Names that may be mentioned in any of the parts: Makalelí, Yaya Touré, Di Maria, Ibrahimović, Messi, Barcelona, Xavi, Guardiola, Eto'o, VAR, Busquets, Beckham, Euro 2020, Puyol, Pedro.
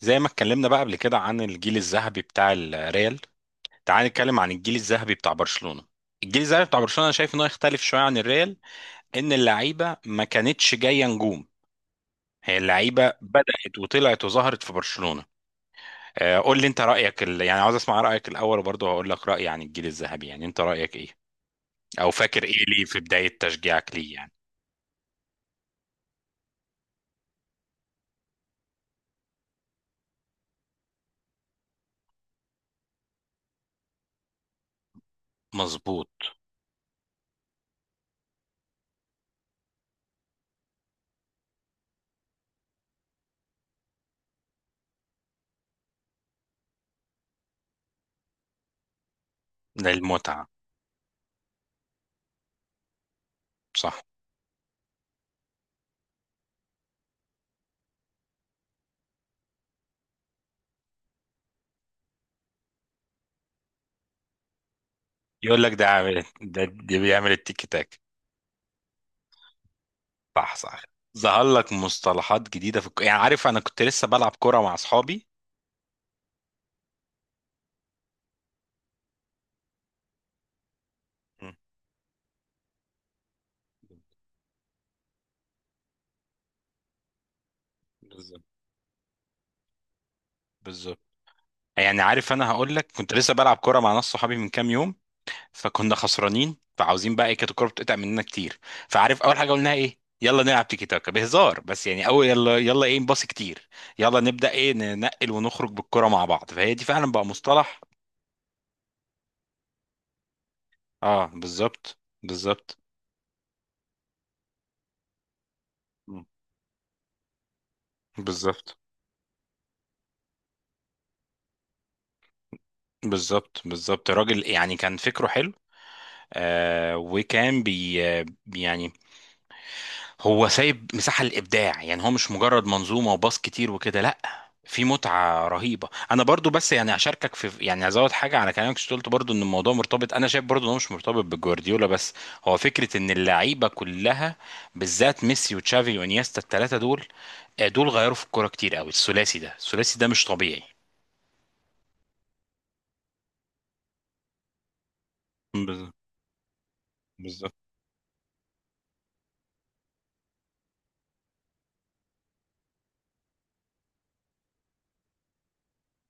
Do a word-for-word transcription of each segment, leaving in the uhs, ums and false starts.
زي ما اتكلمنا بقى قبل كده عن الجيل الذهبي بتاع الريال، تعال نتكلم عن الجيل الذهبي بتاع برشلونة. الجيل الذهبي بتاع برشلونة انا شايف انه يختلف شوية عن الريال، ان اللعيبة ما كانتش جاية نجوم، هي اللعيبة بدأت وطلعت وظهرت في برشلونة. آه، قول لي انت رأيك ال... يعني عاوز اسمع رأيك الاول وبرضه هقول لك رأيي عن الجيل الذهبي. يعني انت رأيك ايه؟ او فاكر ايه ليه في بداية تشجيعك ليه يعني. مظبوط. ده المتعة. صح. يقول لك ده عامل ده, ده بيعمل التيكي تاك. صح صح. ظهر لك مصطلحات جديدة في الك... يعني عارف أنا كنت لسه بلعب كورة مع أصحابي. مم. بالظبط بالظبط. يعني عارف أنا هقول لك كنت لسه بلعب كورة مع ناس صحابي من كام يوم، فكنا خسرانين، فعاوزين بقى إيه، كانت الكورة بتقطع مننا كتير. فعارف أول حاجة قلناها إيه؟ يلا نلعب تيكي تاكا بهزار، بس يعني أول يلا يلا إيه، نباصي كتير، يلا نبدأ إيه، ننقل ونخرج بالكورة مع بعض، فهي دي فعلا بقى مصطلح. آه بالظبط بالظبط. مم. بالظبط بالظبط. بالظبط، راجل يعني كان فكره حلو. آه وكان بي آه، يعني هو سايب مساحة للإبداع، يعني هو مش مجرد منظومة وباص كتير وكده، لأ، في متعة رهيبة. أنا برضو بس يعني أشاركك في، يعني أزود حاجة على كلامك، شو قلت برضو إن الموضوع مرتبط. أنا شايف برضو إن هو مش مرتبط بجوارديولا بس، هو فكرة إن اللعيبة كلها، بالذات ميسي وتشافي وإنيستا، التلاتة دول، آه، دول غيروا في الكورة كتير قوي. الثلاثي ده، الثلاثي ده مش طبيعي. بالظبط بالظبط.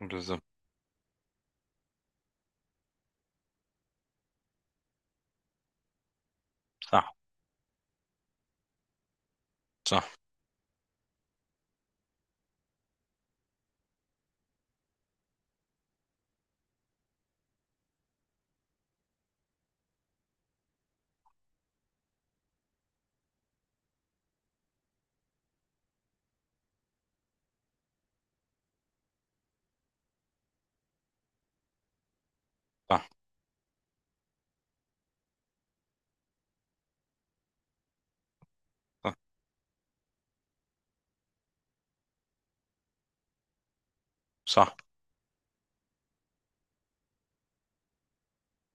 بالظبط. صح صح. صح صح. صح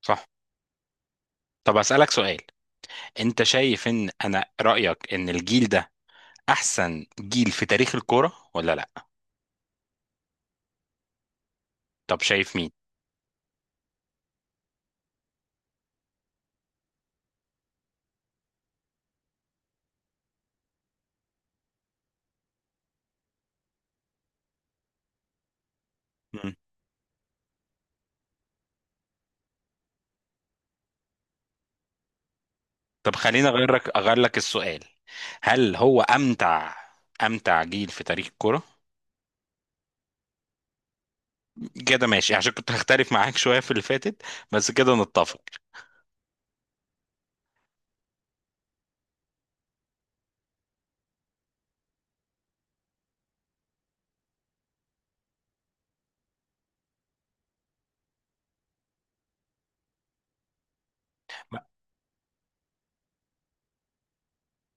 صح. طب أسألك سؤال، انت شايف ان انا رأيك ان الجيل ده احسن جيل في تاريخ الكورة ولا لا؟ طب شايف مين؟ مم. طب خليني اغير لك اغير لك السؤال، هل هو امتع، امتع جيل في تاريخ الكورة؟ كده ماشي، عشان كنت هختلف معاك شوية في اللي فاتت، بس كده نتفق.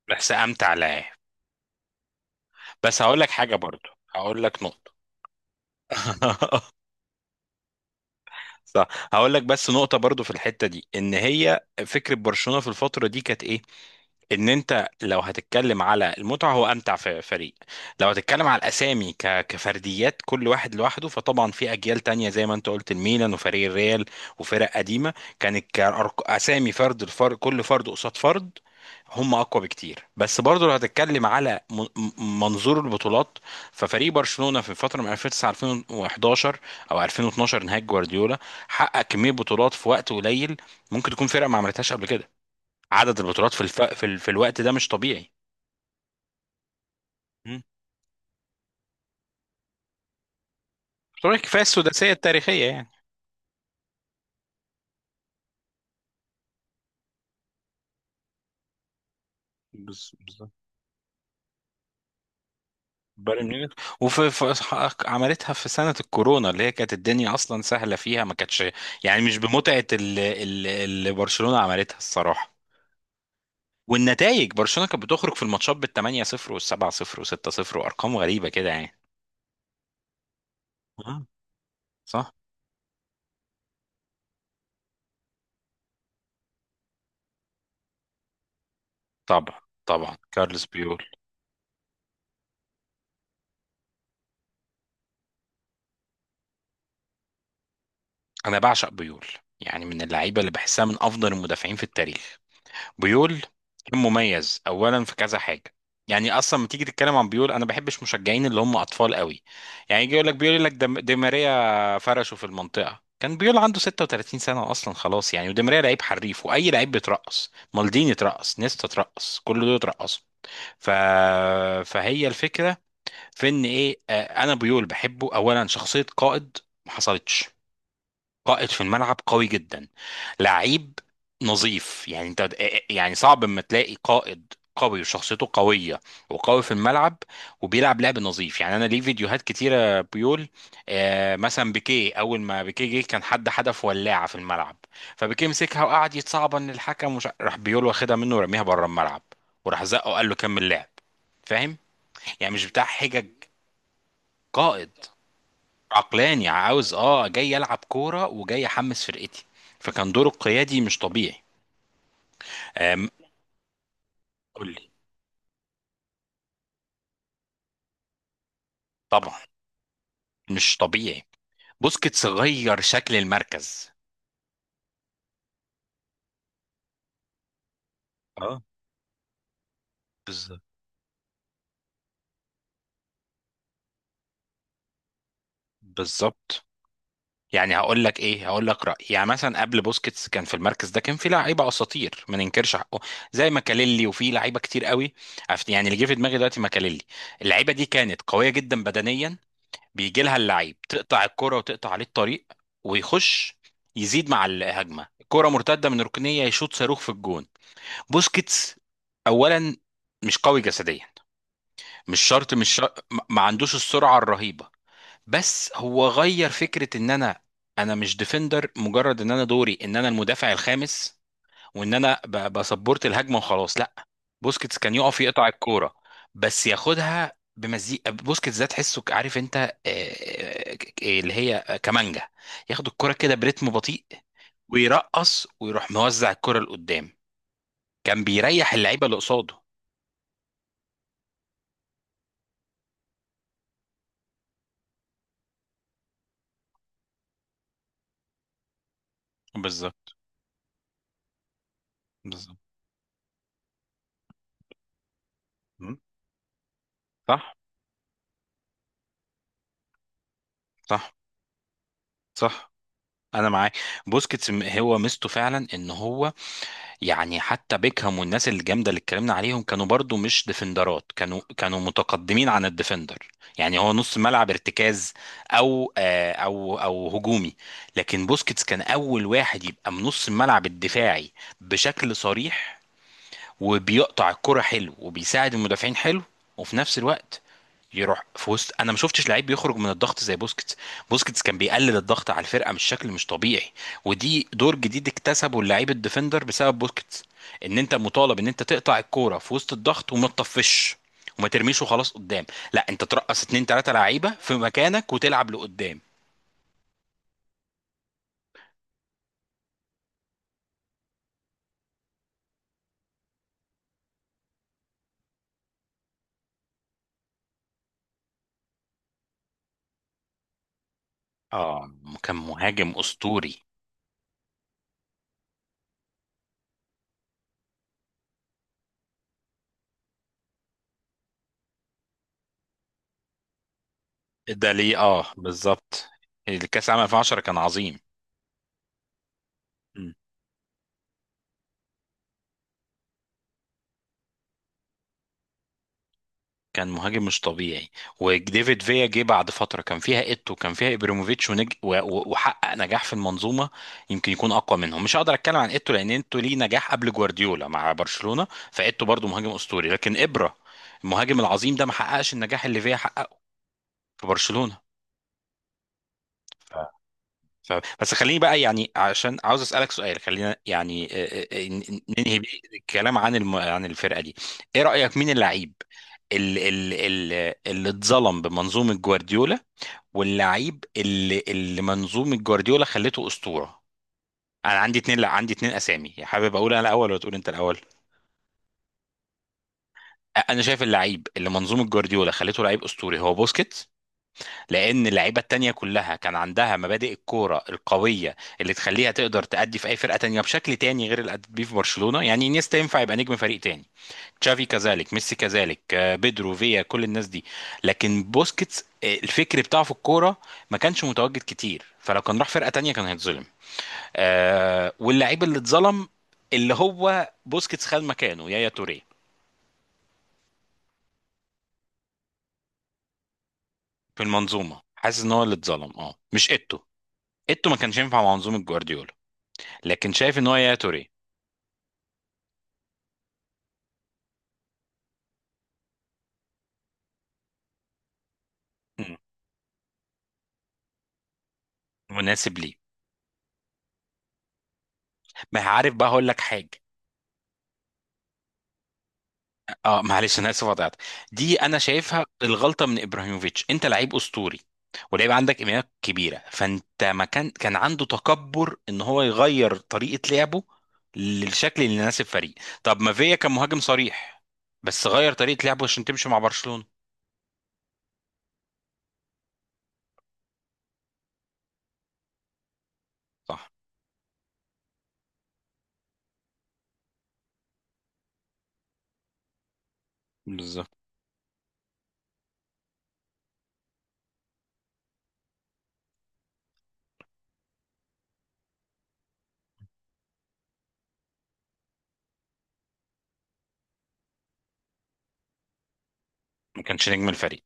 بس امتع لاعب. بس هقول لك حاجة برضو، هقول لك نقطة. صح. هقول لك بس نقطة برضو في الحتة دي، ان هي فكرة برشلونة في الفترة دي كانت ايه؟ ان انت لو هتتكلم على المتعة، هو امتع في فريق. لو هتتكلم على الاسامي ك- كفرديات، كل واحد لوحده، فطبعا في اجيال تانية زي ما انت قلت، الميلان وفريق الريال وفرق قديمة، كانت كأرق- اسامي فرد الفرد، كل فرد قصاد فرد، هم اقوى بكتير. بس برضه لو هتتكلم على م- م- منظور البطولات، ففريق برشلونه في الفتره من ألفين وتسعة ألفين وحداشر او ألفين واتناشر نهايه جوارديولا، حقق كميه بطولات في وقت قليل ممكن تكون فرقه ما عملتهاش قبل كده. عدد البطولات في الف... في, ال... في الوقت ده مش طبيعي. مم. بطولات كفايه السداسيه التاريخيه يعني. بز- بالظبط. بايرن ميونخ. وفي في... عملتها في سنه الكورونا اللي هي كانت الدنيا اصلا سهله فيها، ما كانتش يعني مش بمتعه ال- ال- اللي برشلونه عملتها الصراحه. والنتائج برشلونه كانت بتخرج في الماتشات بال تمانية صفر وال سبعة صفر صفر و ستة صفر صفر وارقام غريبه كده يعني. آه، صح. طبعا طبعا كارلوس بيو. انا بعشق بيول، يعني من اللعيبه اللي بحسها من افضل المدافعين في التاريخ. بيول كان مميز اولا في كذا حاجه. يعني اصلا لما تيجي تتكلم عن بيول، انا بحبش مشجعين اللي هم اطفال قوي، يعني يجي يقول لك بيقول لك دم- دي ماريا فرشه في المنطقه، كان بيول عنده ستة وتلاتين سنه اصلا خلاص يعني، ودي ماريا لعيب حريف، واي لعيب بيترقص، مالديني اترقص، نيستا اترقص، كل دول اترقصوا. ف... فهي الفكره في ان ايه، آه، انا بيول بحبه اولا شخصيه قائد، ما حصلتش. قائد في الملعب قوي جدا، لعيب نظيف، يعني انت، يعني صعب اما تلاقي قائد قوي وشخصيته قوية وقوي في الملعب وبيلعب لعب نظيف. يعني انا ليه فيديوهات كتيرة بيقول، آه مثلا بيكيه، اول ما بيكيه جه كان حد حدف ولاعة في الملعب، فبيكيه مسكها وقعد يتصعبن الحكم، وش... راح بيقول واخدها منه ورميها بره الملعب، وراح زقه وقال له كمل لعب. فاهم؟ يعني مش بتاع حجج، قائد عقلاني، عاوز اه جاي العب كوره وجاي احمس فرقتي، فكان دوره القيادي مش طبيعي. آم، قول لي. طبعا مش طبيعي، بوسكيتس غير شكل المركز. اه بالظبط بالظبط. يعني هقول لك ايه، هقول لك رايي، يعني مثلا قبل بوسكيتس كان في المركز ده كان في لعيبه اساطير ما ننكرش حقه، زي ماكاليلي وفي لعيبه كتير قوي. عف- يعني اللي جه في دماغي دلوقتي ماكاليلي، اللعيبه دي كانت قويه جدا بدنيا، بيجي لها اللعيب تقطع الكرة وتقطع عليه الطريق، ويخش يزيد مع الهجمة كرة مرتدة من ركنية يشوط صاروخ في الجون. بوسكيتس أولا مش قوي جسديا، مش شرط مش شرط، ما عندوش السرعة الرهيبة، بس هو غير فكرة ان انا، انا مش ديفندر، مجرد ان انا دوري ان انا المدافع الخامس وان انا ب- بسبورت الهجمه وخلاص، لا. بوسكيتس كان يقف يقطع الكوره، بس ياخدها بمزيكا. بوسكيتس ده تحسه ك- عارف انت آه، آه، ك- اللي هي كمانجا، ياخد الكوره كده برتم بطيء، ويرقص، ويروح موزع الكوره لقدام، كان بيريح اللعيبه اللي قصاده. بالظبط بالظبط. مم. صح صح صح. انا معاك. بوسكيتس م- هو ميزته فعلا ان هو، يعني حتى بيكهام والناس الجامده اللي اتكلمنا عليهم كانوا برضو مش ديفندرات، كانوا كانوا متقدمين عن الديفندر، يعني هو نص ملعب ارتكاز او آه، او او هجومي. لكن بوسكيتس كان اول واحد يبقى من نص الملعب الدفاعي بشكل صريح، وبيقطع الكرة حلو وبيساعد المدافعين حلو، وفي نفس الوقت يروح في وسط. انا ما شفتش لعيب بيخرج من الضغط زي بوسكيتس، بوسكيتس كان بيقلل الضغط على الفرقه مش شكل، مش طبيعي. ودي دور جديد اكتسبه اللعيب الديفندر بسبب بوسكيتس، ان انت مطالب ان انت تقطع الكوره في وسط الضغط، وما تطفش وما ترميش وخلاص قدام، لا، انت ترقص اتنين تلاته لعيبه في مكانك وتلعب لقدام. اه كان مهاجم اسطوري. ده ليه اه بالظبط. الكاس العالم ألفين وعشرة كان عظيم. كان مهاجم مش طبيعي. وديفيد فيا جه بعد فتره كان فيها ايتو، كان فيها ابريموفيتش، ونج... و... و- وحقق نجاح في المنظومه، يمكن يكون اقوى منهم. مش هقدر اتكلم عن ايتو لان ايتو ليه نجاح قبل جوارديولا مع برشلونه، فايتو برضو مهاجم اسطوري، لكن ابرا، المهاجم العظيم ده ما حققش النجاح اللي فيا حققه في برشلونه. ف- بس خليني بقى، يعني عشان عاوز اسالك سؤال، خلينا يعني آه، آه، آه، ن- ننهي بيه الكلام عن الم... عن الفرقه دي. ايه رايك مين اللعيب اللي, اللي, اللي اتظلم بمنظومه جوارديولا، واللعيب اللي اللي منظومه جوارديولا خلته اسطوره؟ انا عندي اتنين، لا عندي اتنين اسامي، حابب اقول انا الاول ولا تقول انت الاول؟ أ- انا شايف اللعيب اللي منظومه جوارديولا خلته لعيب اسطوري هو بوسكيت، لان اللعيبه التانية كلها كان عندها مبادئ الكوره القويه اللي تخليها تقدر تأدي في اي فرقه تانية بشكل تاني غير اللي أدت بيه في برشلونه. يعني انيستا ينفع يبقى نجم فريق تاني، تشافي كذلك، ميسي كذلك، آه، بيدرو، فيا، كل الناس دي. لكن بوسكيتس، آه، الفكر بتاعه في الكوره ما كانش متواجد كتير، فلو كان راح فرقه تانية كان هيتظلم. آه، واللعيب اللي اتظلم اللي هو بوسكيتس خد مكانه يايا توريه، في المنظومه حاسس ان هو اللي اتظلم، اه مش ايتو، ايتو ما كانش ينفع مع منظومه جوارديولا، لكن شايف ان هو يا توري. مم. مناسب ليه. ما عارف بقى، هقول لك حاجه. اه معلش انا اسف قطعت. دي انا شايفها الغلطه من ابراهيموفيتش، انت لعيب اسطوري ولعيب عندك امكانيات كبيره، فانت ما كان كان عنده تكبر ان هو يغير طريقه لعبه للشكل اللي يناسب فريق. طب ما فيا كان مهاجم صريح، بس غير طريقه لعبه عشان تمشي مع برشلونه. صح. بالظبط. ما كانش نجم الفريق.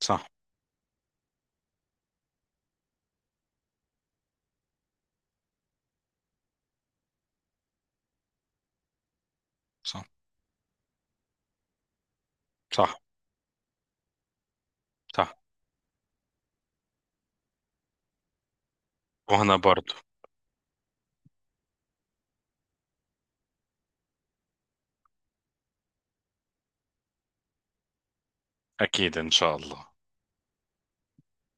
صح صح. صح صح. وانا برضو. اكيد ان شاء الله.